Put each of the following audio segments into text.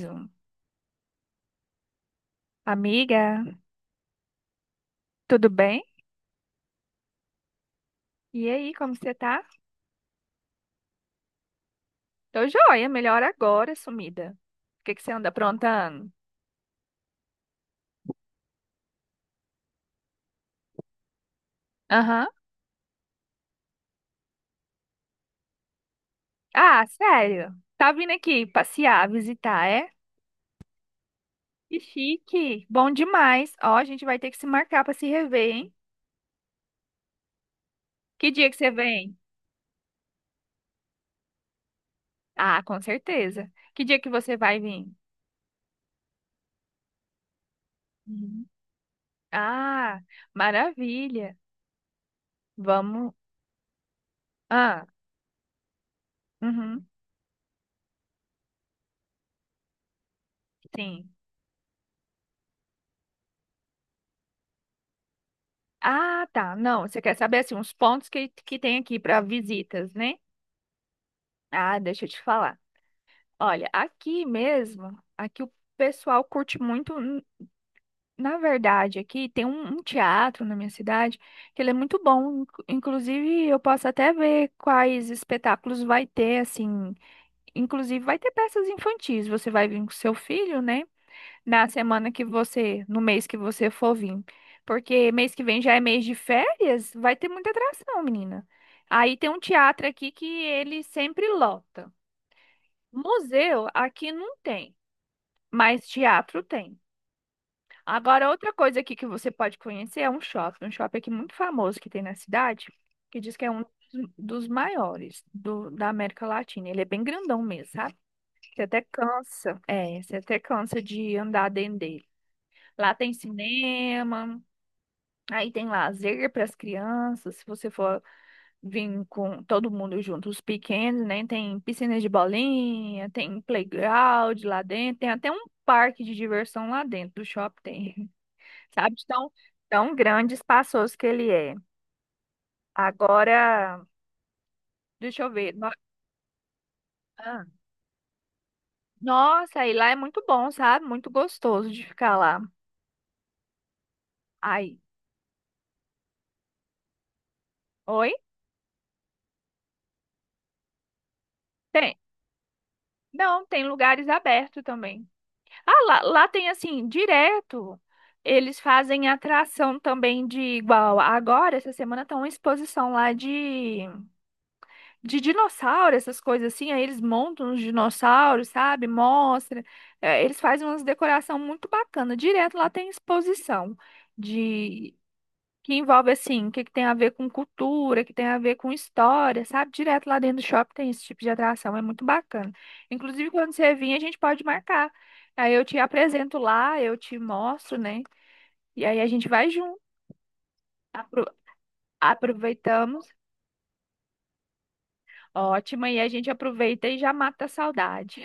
Zoom. Amiga, tudo bem? E aí, como você tá? Tô joia, melhor agora, sumida. O que que você anda aprontando? Aham. Ah, sério? Tá vindo aqui passear, visitar, é? Que chique. Bom demais. Ó, a gente vai ter que se marcar pra se rever, hein? Que dia que você vem? Ah, com certeza. Que dia que você vai vir? Uhum. Ah, maravilha. Vamos. Ah, uhum. Sim. Ah, tá. Não, você quer saber assim, uns pontos que tem aqui para visitas, né? Ah, deixa eu te falar. Olha, aqui mesmo, aqui o pessoal curte muito. Na verdade, aqui tem um teatro na minha cidade que ele é muito bom. Inclusive, eu posso até ver quais espetáculos vai ter, assim. Inclusive, vai ter peças infantis. Você vai vir com seu filho, né? na semana que você, no mês que você for vir. Porque mês que vem já é mês de férias, vai ter muita atração, menina. Aí tem um teatro aqui que ele sempre lota. Museu aqui não tem, mas teatro tem. Agora, outra coisa aqui que você pode conhecer é um shopping aqui muito famoso que tem na cidade, que diz que é um dos maiores do, da América Latina. Ele é bem grandão mesmo, sabe? Você até cansa, é, você até cansa de andar dentro dele. Lá tem cinema, aí tem lazer para as crianças, se você for vir com todo mundo junto, os pequenos, né? Tem piscina de bolinha, tem playground lá dentro, tem até um parque de diversão lá dentro do shopping, tem, sabe? De tão, tão grande, e espaçoso que ele é. Agora, deixa eu ver. Ah, Nossa, aí lá é muito bom, sabe? Muito gostoso de ficar lá. Aí, oi? Tem. Não, tem lugares abertos também. Ah, lá, lá tem assim, direto. Eles fazem atração também de igual. Agora, essa semana, tá uma exposição lá de dinossauro, essas coisas assim. Aí eles montam os dinossauros, sabe? Mostra. É, eles fazem umas decoração muito bacana. Direto lá tem exposição que envolve assim, o que, que tem a ver com cultura, que tem a ver com história, sabe? Direto lá dentro do shopping tem esse tipo de atração, é muito bacana. Inclusive, quando você vir, a gente pode marcar. Aí eu te apresento lá, eu te mostro, né? E aí a gente vai junto. Apro- Aproveitamos. Ótimo, e a gente aproveita e já mata a saudade.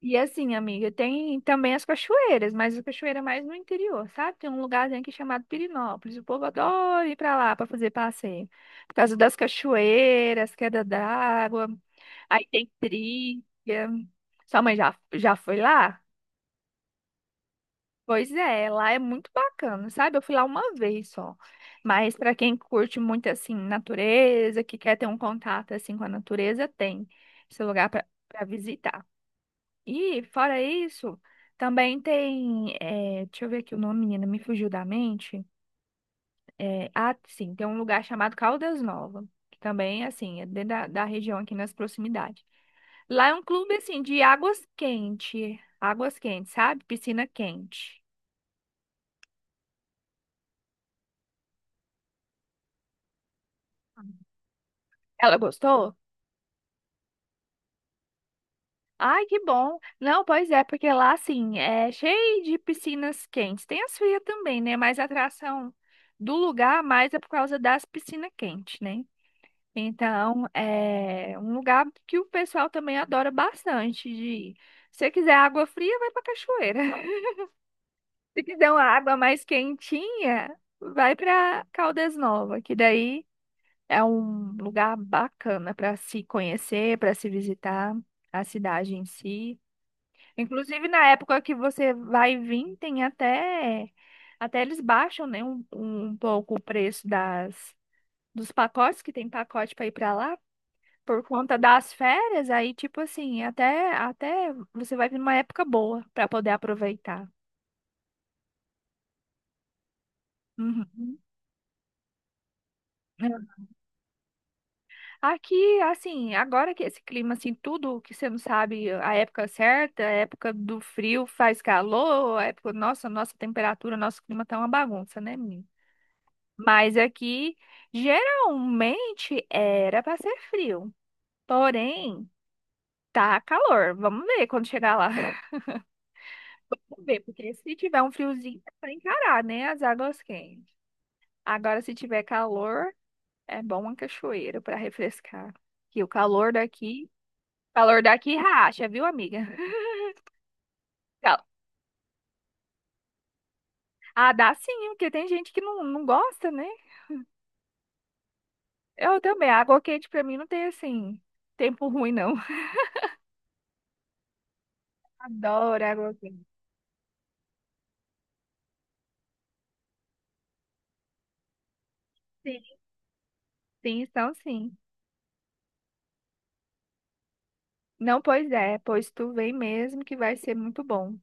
E assim, amiga, tem também as cachoeiras, mas a cachoeira é mais no interior, sabe? Tem um lugarzinho aqui chamado Pirinópolis. O povo adora ir pra lá pra fazer passeio. Por causa das cachoeiras, queda d'água, aí tem trilha. Sua mãe já foi lá? Pois é, lá é muito bacana, sabe? Eu fui lá uma vez só. Mas para quem curte muito assim natureza, que quer ter um contato assim com a natureza, tem esse lugar para pra visitar. E, fora isso, também tem. Deixa eu ver aqui o nome, menina, me fugiu da mente. Ah, sim, tem um lugar chamado Caldas Nova, que também, assim, é dentro da, da região aqui nas proximidades. Lá é um clube, assim, de águas quentes. Águas quentes, sabe? Piscina quente. Ela gostou? Ai, que bom. Não, pois é, porque lá, assim, é cheio de piscinas quentes. Tem as frias também, né? Mas a atração do lugar mais é por causa das piscinas quentes, né? Então, é um lugar que o pessoal também adora bastante de ir. Se você quiser água fria, vai para cachoeira. Se quiser uma água mais quentinha, vai para Caldas Nova, que daí é um lugar bacana para se conhecer, para se visitar a cidade em si. Inclusive, na época que você vai vir, tem até eles baixam, né, um pouco o preço das dos pacotes, que tem pacote para ir para lá por conta das férias, aí tipo assim, até você vai vir numa época boa para poder aproveitar. Uhum. É. Aqui, assim, agora que esse clima, assim, tudo que você não sabe a época certa, a época do frio faz calor, a época, nossa, nossa temperatura, nosso clima tá uma bagunça, né, menina? Mas aqui, geralmente, era para ser frio, porém, tá calor, vamos ver quando chegar lá. Vamos ver, porque se tiver um friozinho, é para encarar, né? As águas quentes. Agora, se tiver calor, é bom uma cachoeira para refrescar. Que o calor daqui racha, viu, amiga? Cal- Ah, dá sim, porque tem gente que não, não gosta, né? Eu também. Água quente para mim não tem assim, tempo ruim, não. Adoro água quente. Sim, sim, então sim. Não, pois é, pois tu vem mesmo que vai ser muito bom.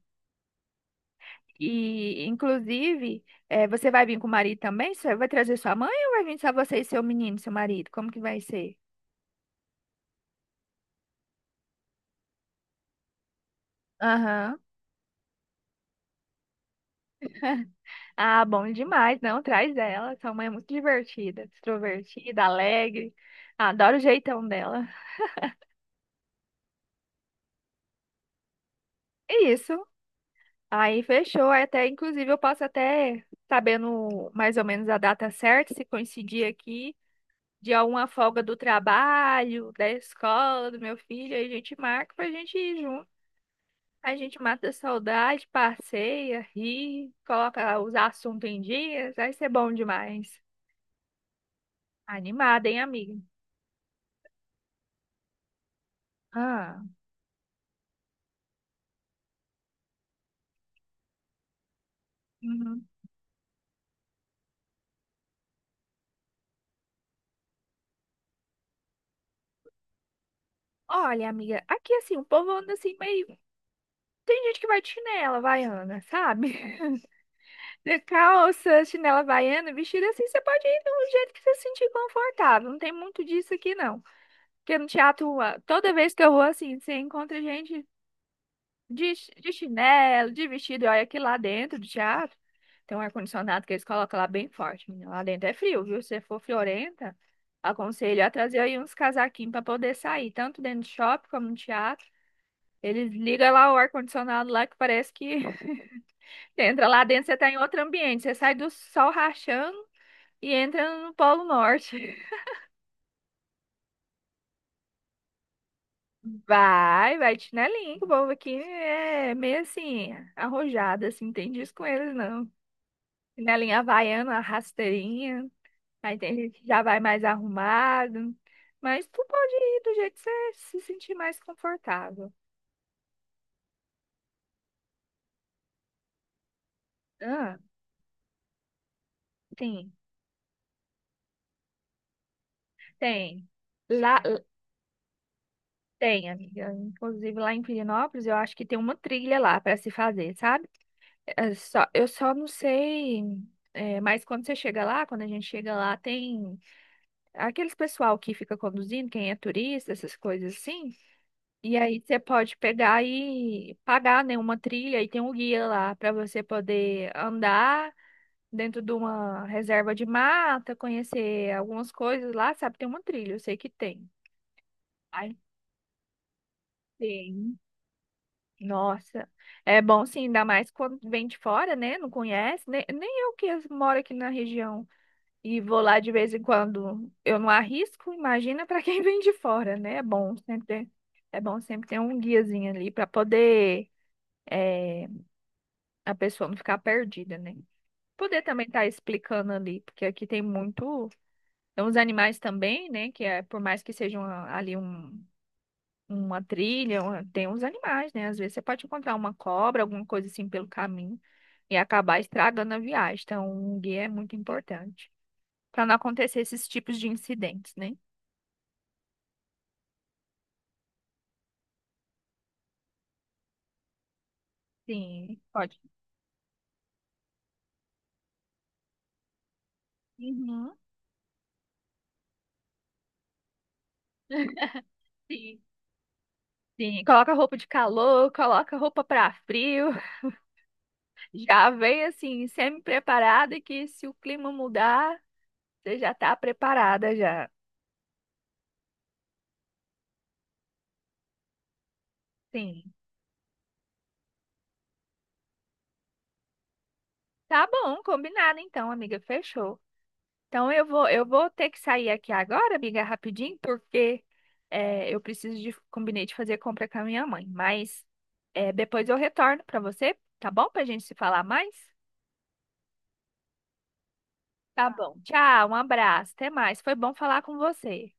E, inclusive, você vai vir com o marido também? Você vai trazer sua mãe ou vai vir só você e seu menino, seu marido? Como que vai ser? Aham. Ah, bom demais. Não, traz ela. Sua mãe é muito divertida, extrovertida, alegre. Adoro o jeitão dela. Isso. Aí fechou. Aí até, inclusive, eu posso até, sabendo mais ou menos a data certa, se coincidir aqui, de alguma folga do trabalho, da escola, do meu filho, aí a gente marca pra gente ir junto. A gente mata a saudade, passeia, ri, coloca os assuntos em dias, vai ser bom demais. Animada, hein, amiga? Ah, uhum. Olha, amiga, aqui assim, o povo anda assim meio. Tem gente que vai de chinela havaiana, sabe? De calça, chinela havaiana, vestido assim, você pode ir do jeito que você se sentir confortável. Não tem muito disso aqui, não. Porque no teatro, ah, toda vez que eu vou assim, você encontra gente de, de chinelo, de vestido, e olha que lá dentro do teatro tem um ar-condicionado que eles colocam lá bem forte, menina. Lá dentro é frio, viu? Se você for friorenta, aconselho a trazer aí uns casaquinhos para poder sair, tanto dentro do shopping como no teatro. Eles ligam lá o ar-condicionado lá que parece que você entra lá dentro, você tá em outro ambiente, você sai do sol rachando e entra no Polo Norte. Vai, vai de chinelinho, que o povo aqui é meio assim, arrojado, assim, não tem disso com eles, não. Chinelinha havaiana, rasteirinha. Aí tem gente que já vai mais arrumado. Mas tu pode ir do jeito que você se sentir mais confortável. Ah, tem, tem. Lá, tem, amiga. Inclusive lá em Pirinópolis, eu acho que tem uma trilha lá para se fazer, sabe? É só, eu só não sei. Mas quando você chega lá, quando a gente chega lá, tem aqueles pessoal que fica conduzindo, quem é turista, essas coisas assim. E aí você pode pegar e pagar, né, uma trilha e tem um guia lá para você poder andar dentro de uma reserva de mata, conhecer algumas coisas lá, sabe? Tem uma trilha, eu sei que tem. Ai, tem. Nossa, é bom sim, ainda mais quando vem de fora, né? Não conhece, nem eu que moro aqui na região e vou lá de vez em quando, eu não arrisco, imagina para quem vem de fora, né? É bom sempre ter, é bom sempre ter um guiazinho ali para poder é, a pessoa não ficar perdida, né? Poder também estar explicando ali, porque aqui tem muito, tem uns animais também, né? Que é, por mais que seja uma trilha, tem uns animais, né? Às vezes você pode encontrar uma cobra, alguma coisa assim pelo caminho e acabar estragando a viagem. Então, um guia é muito importante para não acontecer esses tipos de incidentes, né? Sim, pode. Uhum. Sim, sim. Coloca roupa de calor, coloca roupa para frio. Já vem assim, semi-preparada e que se o clima mudar, você já tá preparada já. Sim. Tá bom, combinado então, amiga, fechou. Então eu vou ter que sair aqui agora, amiga, rapidinho, porque combinei de fazer compra com a minha mãe. Mas depois eu retorno pra você, tá bom? Pra gente se falar mais? Tá bom. Tchau, um abraço, até mais. Foi bom falar com você.